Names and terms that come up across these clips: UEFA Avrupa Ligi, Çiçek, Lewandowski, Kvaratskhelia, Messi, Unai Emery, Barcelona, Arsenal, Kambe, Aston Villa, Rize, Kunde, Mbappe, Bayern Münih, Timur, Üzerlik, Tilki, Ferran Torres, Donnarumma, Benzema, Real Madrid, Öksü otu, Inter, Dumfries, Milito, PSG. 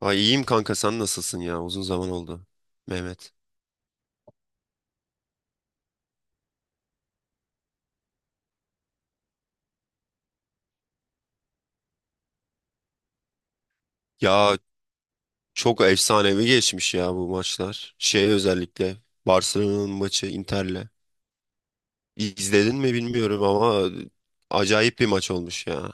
Ay iyiyim kanka sen nasılsın ya? Uzun zaman oldu. Mehmet. Ya çok efsanevi geçmiş ya bu maçlar. Şey özellikle Barcelona'nın maçı Inter'le. İzledin mi bilmiyorum ama acayip bir maç olmuş ya.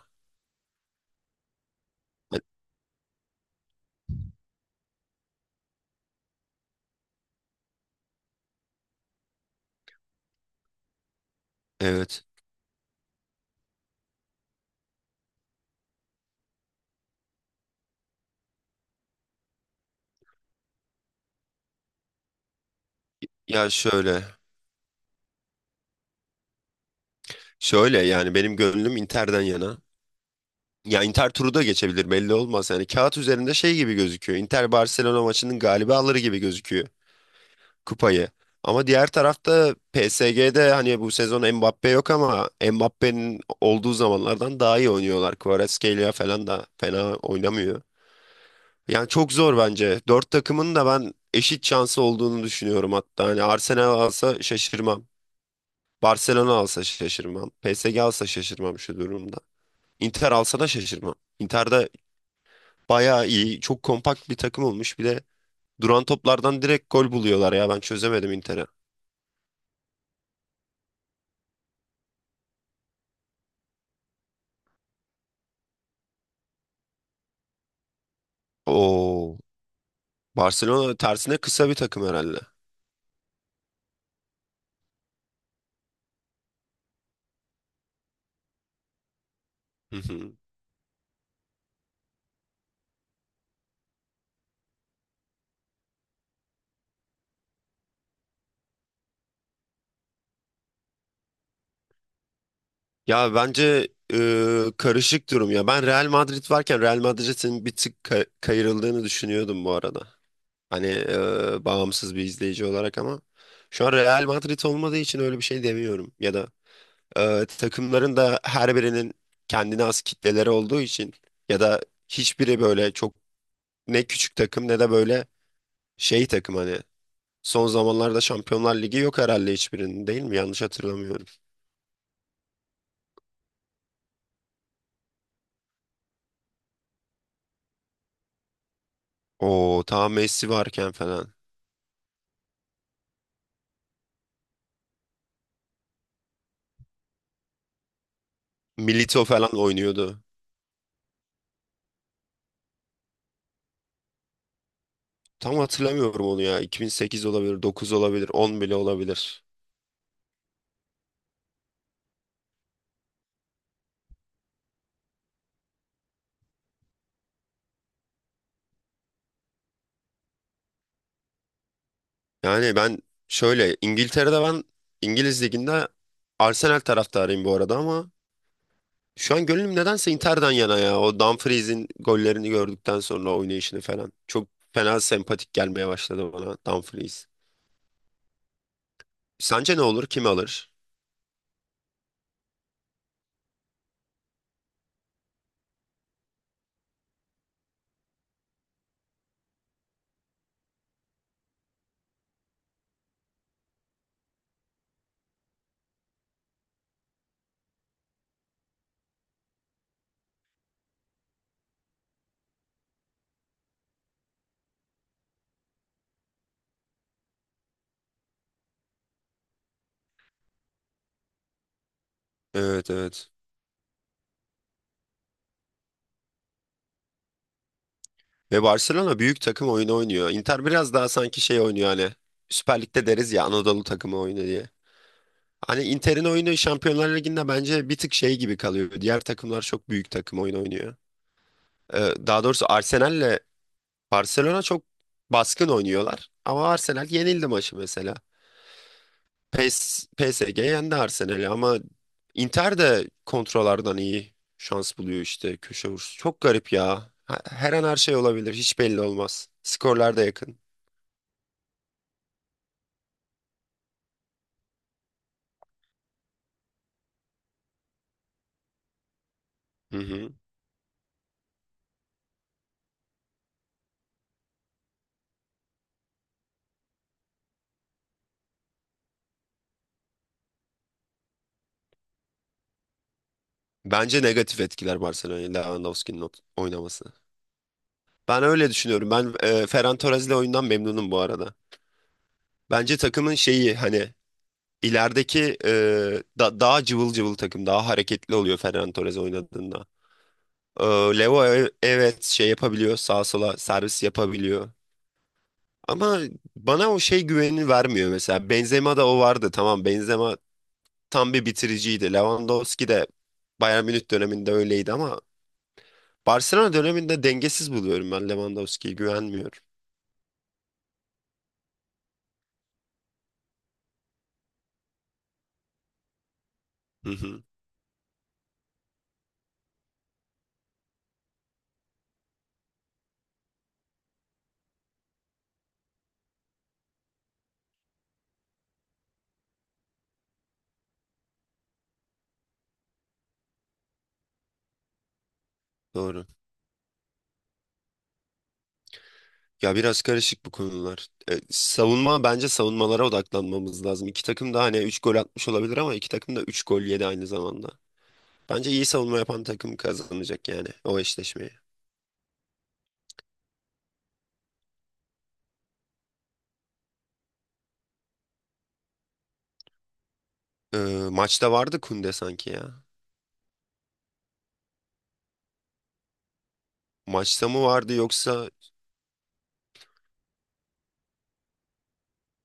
Evet. Ya şöyle. Şöyle yani benim gönlüm Inter'den yana. Ya Inter turu da geçebilir belli olmaz. Yani kağıt üzerinde şey gibi gözüküyor. Inter Barcelona maçının galibi alır gibi gözüküyor kupayı. Ama diğer tarafta PSG'de hani bu sezon Mbappe yok ama Mbappe'nin olduğu zamanlardan daha iyi oynuyorlar. Kvaratskhelia falan da fena oynamıyor. Yani çok zor bence. Dört takımın da ben eşit şansı olduğunu düşünüyorum hatta. Hani Arsenal alsa şaşırmam. Barcelona alsa şaşırmam. PSG alsa şaşırmam şu durumda. Inter alsa da şaşırmam. Inter'de bayağı iyi, çok kompakt bir takım olmuş. Bir de duran toplardan direkt gol buluyorlar ya. Ben çözemedim Inter'i. Oo. Barcelona tersine kısa bir takım herhalde. Hı hı. Ya bence karışık durum ya. Ben Real Madrid varken Real Madrid'in bir tık kayırıldığını düşünüyordum bu arada. Hani bağımsız bir izleyici olarak ama şu an Real Madrid olmadığı için öyle bir şey demiyorum. Ya da takımların da her birinin kendine has kitleleri olduğu için ya da hiçbiri böyle çok ne küçük takım ne de böyle şey takım hani son zamanlarda Şampiyonlar Ligi yok herhalde hiçbirinin değil mi? Yanlış hatırlamıyorum. O tam Messi varken falan. Milito falan oynuyordu. Tam hatırlamıyorum onu ya. 2008 olabilir, 9 olabilir, 10 bile olabilir. Yani ben şöyle İngiltere'de ben İngiliz liginde Arsenal taraftarıyım bu arada ama şu an gönlüm nedense Inter'den yana ya. O Dumfries'in gollerini gördükten sonra oynayışını falan. Çok fena sempatik gelmeye başladı bana Dumfries. Sence ne olur? Kim alır? Evet evet. Ve Barcelona büyük takım oyunu oynuyor. Inter biraz daha sanki şey oynuyor hani. Süper Lig'de deriz ya Anadolu takımı oyunu diye. Hani Inter'in oyunu Şampiyonlar Ligi'nde bence bir tık şey gibi kalıyor. Diğer takımlar çok büyük takım oyunu oynuyor. Daha doğrusu Arsenal'le Barcelona çok baskın oynuyorlar. Ama Arsenal yenildi maçı mesela. PSG yendi Arsenal'i ama Inter de kontrolardan iyi şans buluyor işte köşe vuruşu. Çok garip ya. Her an her şey olabilir. Hiç belli olmaz. Skorlar da yakın. Hı hı. Bence negatif etkiler Barcelona'yı Lewandowski'nin oynaması. Ben öyle düşünüyorum. Ben Ferran Torres'le oyundan memnunum bu arada. Bence takımın şeyi hani ilerideki daha cıvıl cıvıl takım, daha hareketli oluyor Ferran Torres oynadığında. E, Leo evet şey yapabiliyor, sağa sola servis yapabiliyor. Ama bana o şey güvenini vermiyor mesela. Benzema'da o vardı. Tamam Benzema tam bir bitiriciydi. Lewandowski de Bayern Münih döneminde öyleydi ama Barcelona döneminde dengesiz buluyorum ben Lewandowski'yi güvenmiyorum. Hı hı, doğru. Ya biraz karışık bu konular. Savunma bence savunmalara odaklanmamız lazım. İki takım da hani 3 gol atmış olabilir ama iki takım da 3 gol yedi aynı zamanda. Bence iyi savunma yapan takım kazanacak yani o eşleşmeyi. E, maçta vardı Kunde sanki ya. Maçta mı vardı yoksa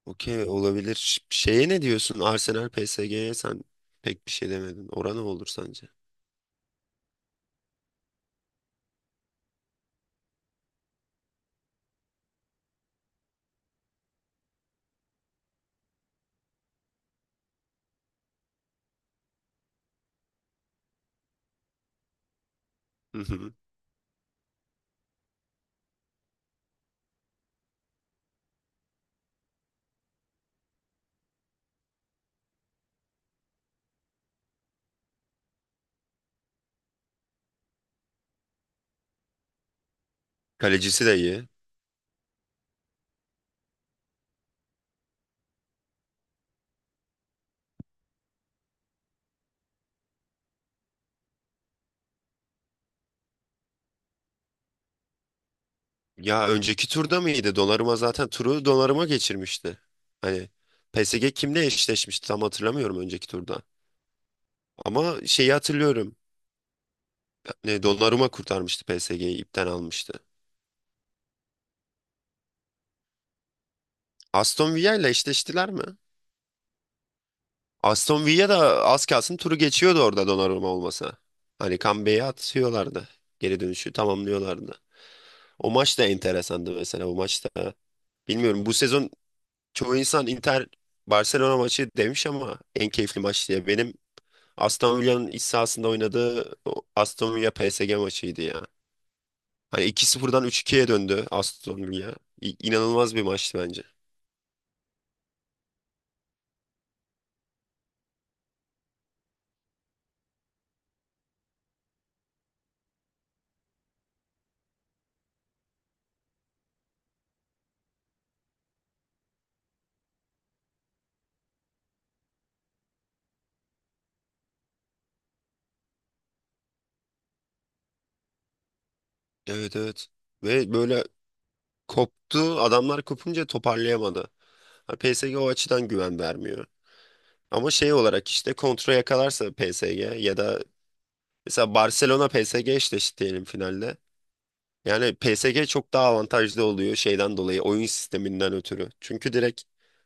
Okey olabilir. Şeye ne diyorsun? Arsenal PSG'ye sen pek bir şey demedin. Oran ne olur sence? Hı hı. Kalecisi de iyi. Ya önceki turda mıydı? Donnarumma zaten turu Donnarumma geçirmişti. Hani PSG kimle eşleşmişti tam hatırlamıyorum önceki turda. Ama şeyi hatırlıyorum. Ne, Donnarumma kurtarmıştı PSG'yi ipten almıştı. Aston Villa ile eşleştiler mi? Aston Villa da az kalsın turu geçiyordu orada Donnarumma olmasa. Hani Kambe'yi atıyorlardı. Geri dönüşü tamamlıyorlardı. O maç da enteresandı mesela. O maçta bilmiyorum bu sezon çoğu insan Inter Barcelona maçı demiş ama en keyifli maç diye. Benim Aston Villa'nın iç sahasında oynadığı o Aston Villa PSG maçıydı ya. Hani 2-0'dan üç 2'ye döndü Aston Villa. İnanılmaz bir maçtı bence. Evet evet. Ve böyle koptu. Adamlar kopunca toparlayamadı. Hani PSG o açıdan güven vermiyor. Ama şey olarak işte kontra yakalarsa PSG ya da mesela Barcelona PSG eşleşti diyelim finalde. Yani PSG çok daha avantajlı oluyor şeyden dolayı oyun sisteminden ötürü. Çünkü direkt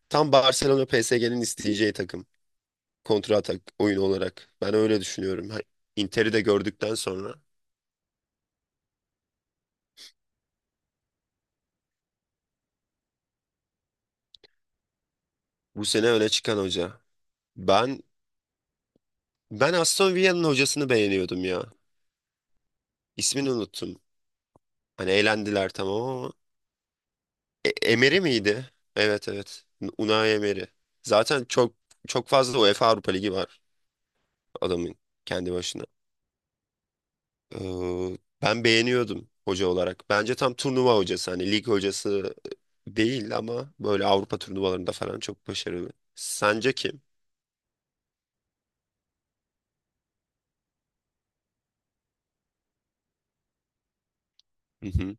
tam Barcelona PSG'nin isteyeceği takım. Kontra atak oyunu olarak. Ben öyle düşünüyorum. Inter'i de gördükten sonra. Bu sene öne çıkan hoca. Ben ben Aston Villa'nın hocasını beğeniyordum ya. İsmini unuttum. Hani eğlendiler tamam ama Emery miydi? Evet evet. Unai Emery. Zaten çok çok fazla UEFA Avrupa Ligi var adamın kendi başına. Ee, ben beğeniyordum hoca olarak. Bence tam turnuva hocası hani lig hocası değil ama böyle Avrupa turnuvalarında falan çok başarılı. Sence kim? Hı hı.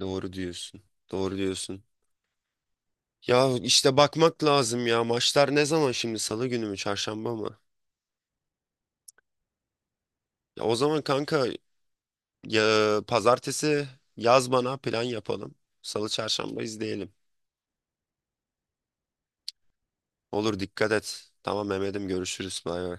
Doğru diyorsun. Doğru diyorsun. Ya işte bakmak lazım ya. Maçlar ne zaman şimdi? Salı günü mü, çarşamba mı? Ya o zaman kanka ya pazartesi yaz bana plan yapalım. Salı çarşamba izleyelim. Olur dikkat et. Tamam Mehmet'im görüşürüz. Bay bay.